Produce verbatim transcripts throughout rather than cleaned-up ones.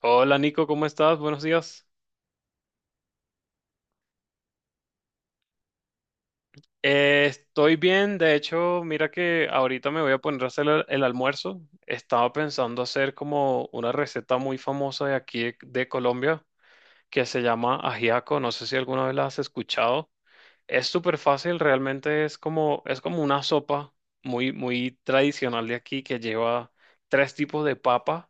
Hola Nico, ¿cómo estás? Buenos días. Eh, estoy bien, de hecho, mira que ahorita me voy a poner a hacer el, el almuerzo. Estaba pensando hacer como una receta muy famosa de aquí de, de Colombia que se llama ajiaco. No sé si alguna vez la has escuchado. Es súper fácil, realmente es como, es como una sopa muy, muy tradicional de aquí que lleva tres tipos de papa.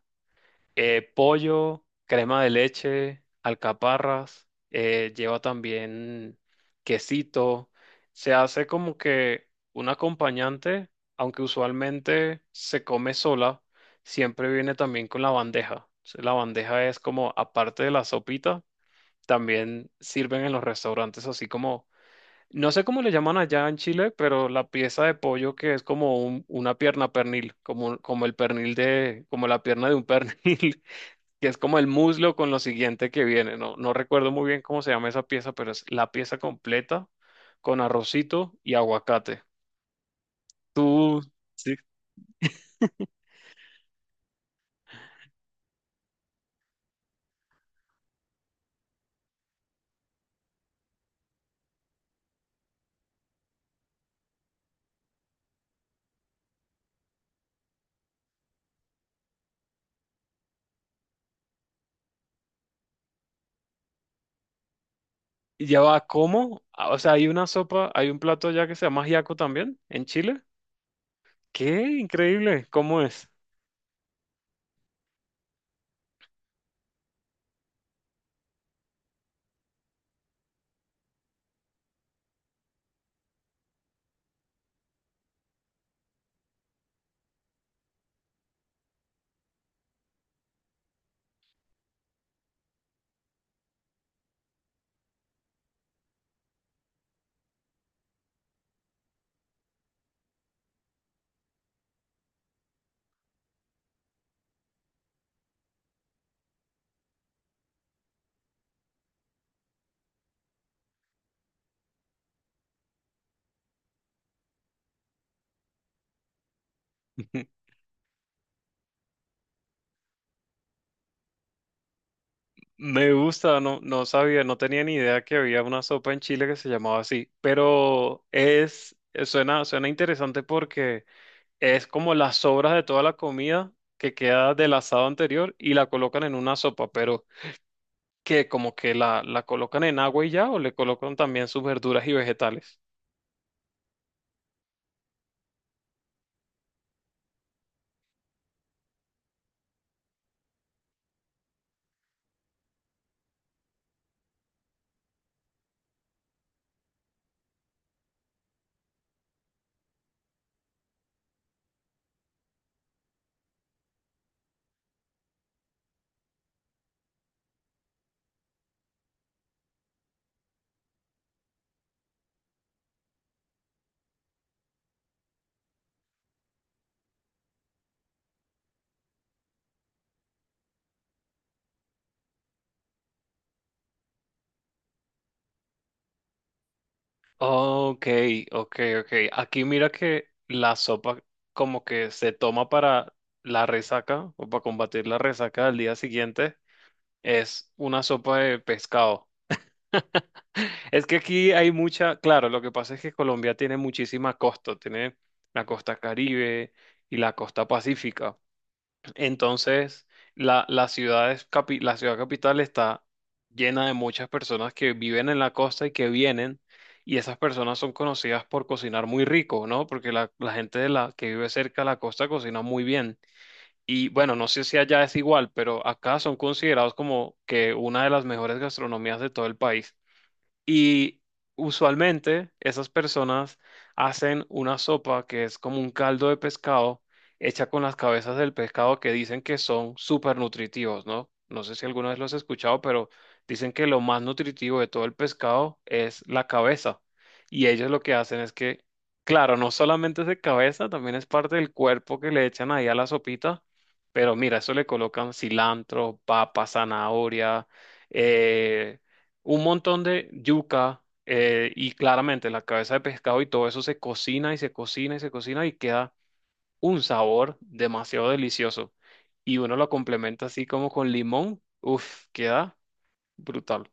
eh, pollo, crema de leche, alcaparras, eh, lleva también quesito. Se hace como que un acompañante, aunque usualmente se come sola, siempre viene también con la bandeja. Se- La bandeja es como, aparte de la sopita, también sirven en los restaurantes así como, no sé cómo le llaman allá en Chile, pero la pieza de pollo que es como un- una pierna pernil, como, como el pernil de, como la pierna de un pernil que es como el muslo con lo siguiente que viene. No, no recuerdo muy bien cómo se llama esa pieza, pero es la pieza completa con arrocito y aguacate. ¿Tú? Sí. y lleva cómo? Ah, O sea, hay una sopa, hay un plato allá que se llama ajiaco también en Chile. ¡Qué increíble! ¿Cómo es? Me gusta, no, no sabía, no tenía ni idea que había una sopa en Chile que se llamaba así, pero es, suena, suena interesante porque es como las sobras de toda la comida que queda del asado anterior y la colocan en una sopa, pero que como que la, la colocan en agua y ya, o le colocan también sus verduras y vegetales. Ok, ok, ok. Aquí mira que la sopa como que se toma para la resaca o para combatir la resaca del día siguiente. Es una sopa de pescado. Es que aquí hay mucha, claro, lo que pasa es que Colombia tiene muchísimas costas, tiene la costa Caribe y la costa Pacífica. Entonces, la, la ciudad es capi- la ciudad capital está llena de muchas personas que viven en la costa y que vienen, y esas personas son conocidas por cocinar muy rico, ¿no? Porque la, la gente de la, que vive cerca de la costa cocina muy bien. Y bueno, no sé si allá es igual, pero acá son considerados como que una de las mejores gastronomías de todo el país. Y usualmente esas personas hacen una sopa que es como un caldo de pescado hecha con las cabezas del pescado que dicen que son súper nutritivos, ¿no? No sé si alguna vez los has escuchado, pero dicen que lo más nutritivo de todo el pescado es la cabeza. Y ellos lo que hacen es que, claro, no solamente es de cabeza, también es parte del cuerpo que le echan ahí a la sopita. Pero mira, eso le colocan cilantro, papa, zanahoria, eh, un montón de yuca, eh, y claramente la cabeza de pescado y todo eso se cocina y se cocina y se cocina y queda un sabor demasiado delicioso. Y uno lo complementa así como con limón, uff, queda brutal.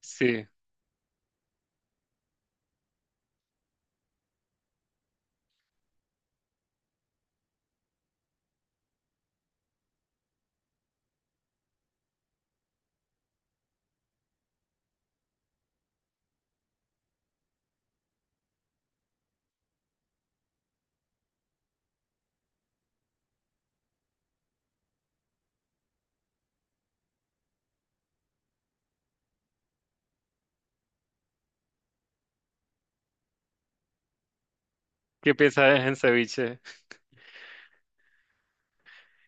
Sí, ¿qué piensas en ceviche?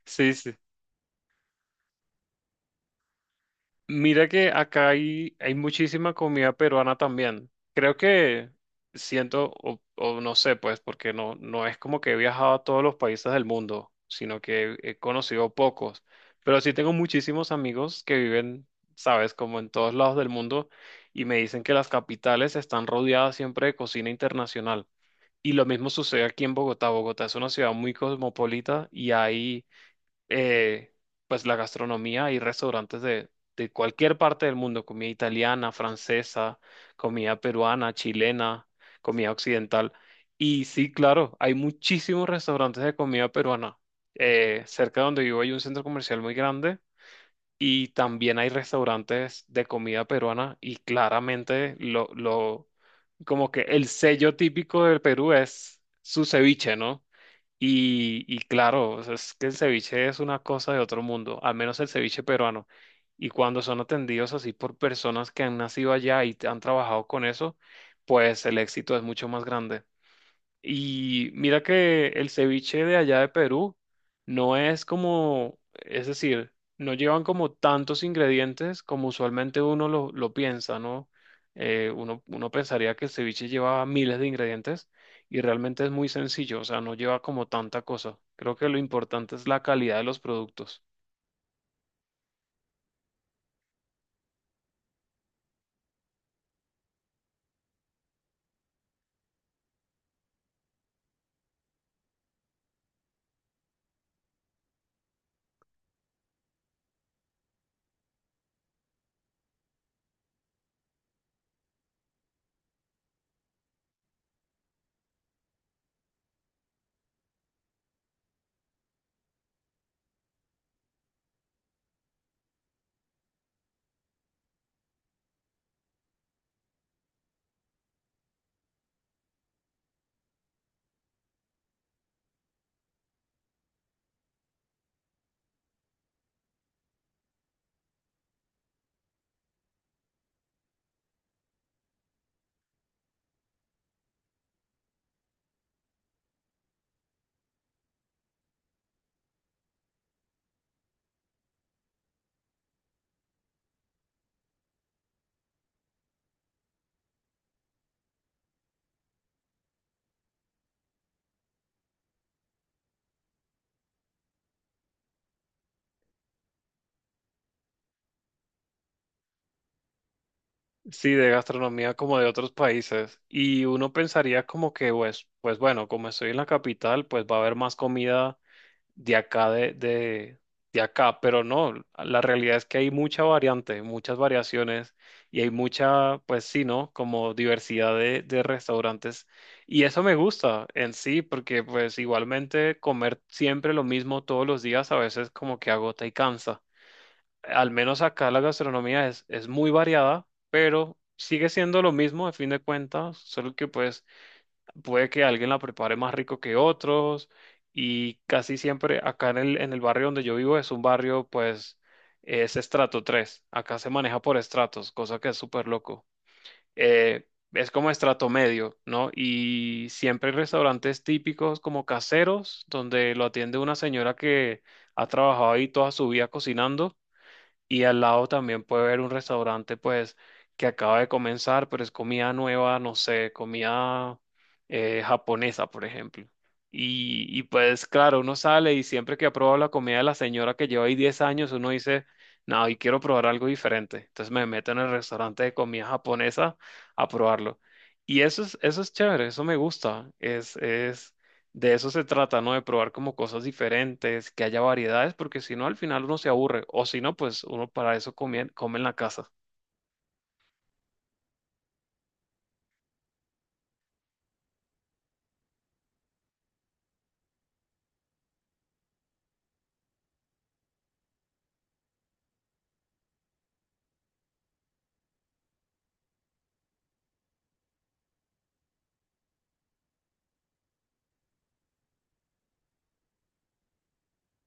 Sí, sí. Mira que acá hay, hay muchísima comida peruana también. Creo que siento, o, o no sé, pues, porque no, no es como que he viajado a todos los países del mundo, sino que he conocido pocos. Pero sí tengo muchísimos amigos que viven, sabes, como en todos lados del mundo y me dicen que las capitales están rodeadas siempre de cocina internacional. Y lo mismo sucede aquí en Bogotá. Bogotá es una ciudad muy cosmopolita y hay, eh, pues, la gastronomía y restaurantes de, de cualquier parte del mundo, comida italiana, francesa, comida peruana, chilena, comida occidental. Y sí, claro, hay muchísimos restaurantes de comida peruana. Eh, cerca de donde vivo hay un centro comercial muy grande y también hay restaurantes de comida peruana y claramente lo, lo, como que el sello típico del Perú es su ceviche, ¿no? Y, y claro, o sea, es que el ceviche es una cosa de otro mundo, al menos el ceviche peruano. Y cuando son atendidos así por personas que han nacido allá y han trabajado con eso, pues el éxito es mucho más grande. Y mira que el ceviche de allá de Perú no es como, es decir, no llevan como tantos ingredientes como usualmente uno lo, lo piensa, ¿no? Eh, uno, uno pensaría que el ceviche lleva miles de ingredientes y realmente es muy sencillo, o sea, no lleva como tanta cosa. Creo que lo importante es la calidad de los productos. Sí, de gastronomía como de otros países. Y uno pensaría como que, pues, pues bueno, como estoy en la capital, pues va a haber más comida de acá de, de, de acá, pero no, la realidad es que hay mucha variante, muchas variaciones y hay mucha, pues sí, ¿no? Como diversidad de, de restaurantes y eso me gusta en sí porque pues igualmente comer siempre lo mismo todos los días a veces como que agota y cansa. Al menos acá la gastronomía es, es muy variada, pero sigue siendo lo mismo a fin de cuentas, solo que pues puede que alguien la prepare más rico que otros y casi siempre acá en el, en el barrio donde yo vivo es un barrio pues es estrato tres, acá se maneja por estratos, cosa que es súper loco. Eh, es como estrato medio, ¿no? Y siempre hay restaurantes típicos como caseros donde lo atiende una señora que ha trabajado ahí toda su vida cocinando y al lado también puede haber un restaurante, pues, que acaba de comenzar, pero es comida nueva, no sé, comida, eh, japonesa, por ejemplo. Y, y pues, claro, uno sale y siempre que ha probado la comida de la señora que lleva ahí diez años, uno dice, no, hoy quiero probar algo diferente. Entonces me meto en el restaurante de comida japonesa a probarlo. Y eso es, eso es chévere, eso me gusta. Es, es, de eso se trata, ¿no? De probar como cosas diferentes, que haya variedades, porque si no, al final uno se aburre. O si no, pues uno para eso come, come en la casa.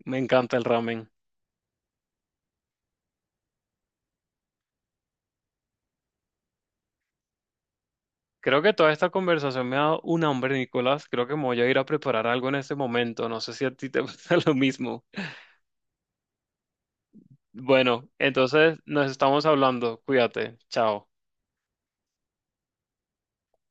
Me encanta el ramen. Creo que toda esta conversación me ha dado un hambre, Nicolás. Creo que me voy a ir a preparar algo en este momento. No sé si a ti te pasa lo mismo. Bueno, entonces nos estamos hablando. Cuídate. Chao.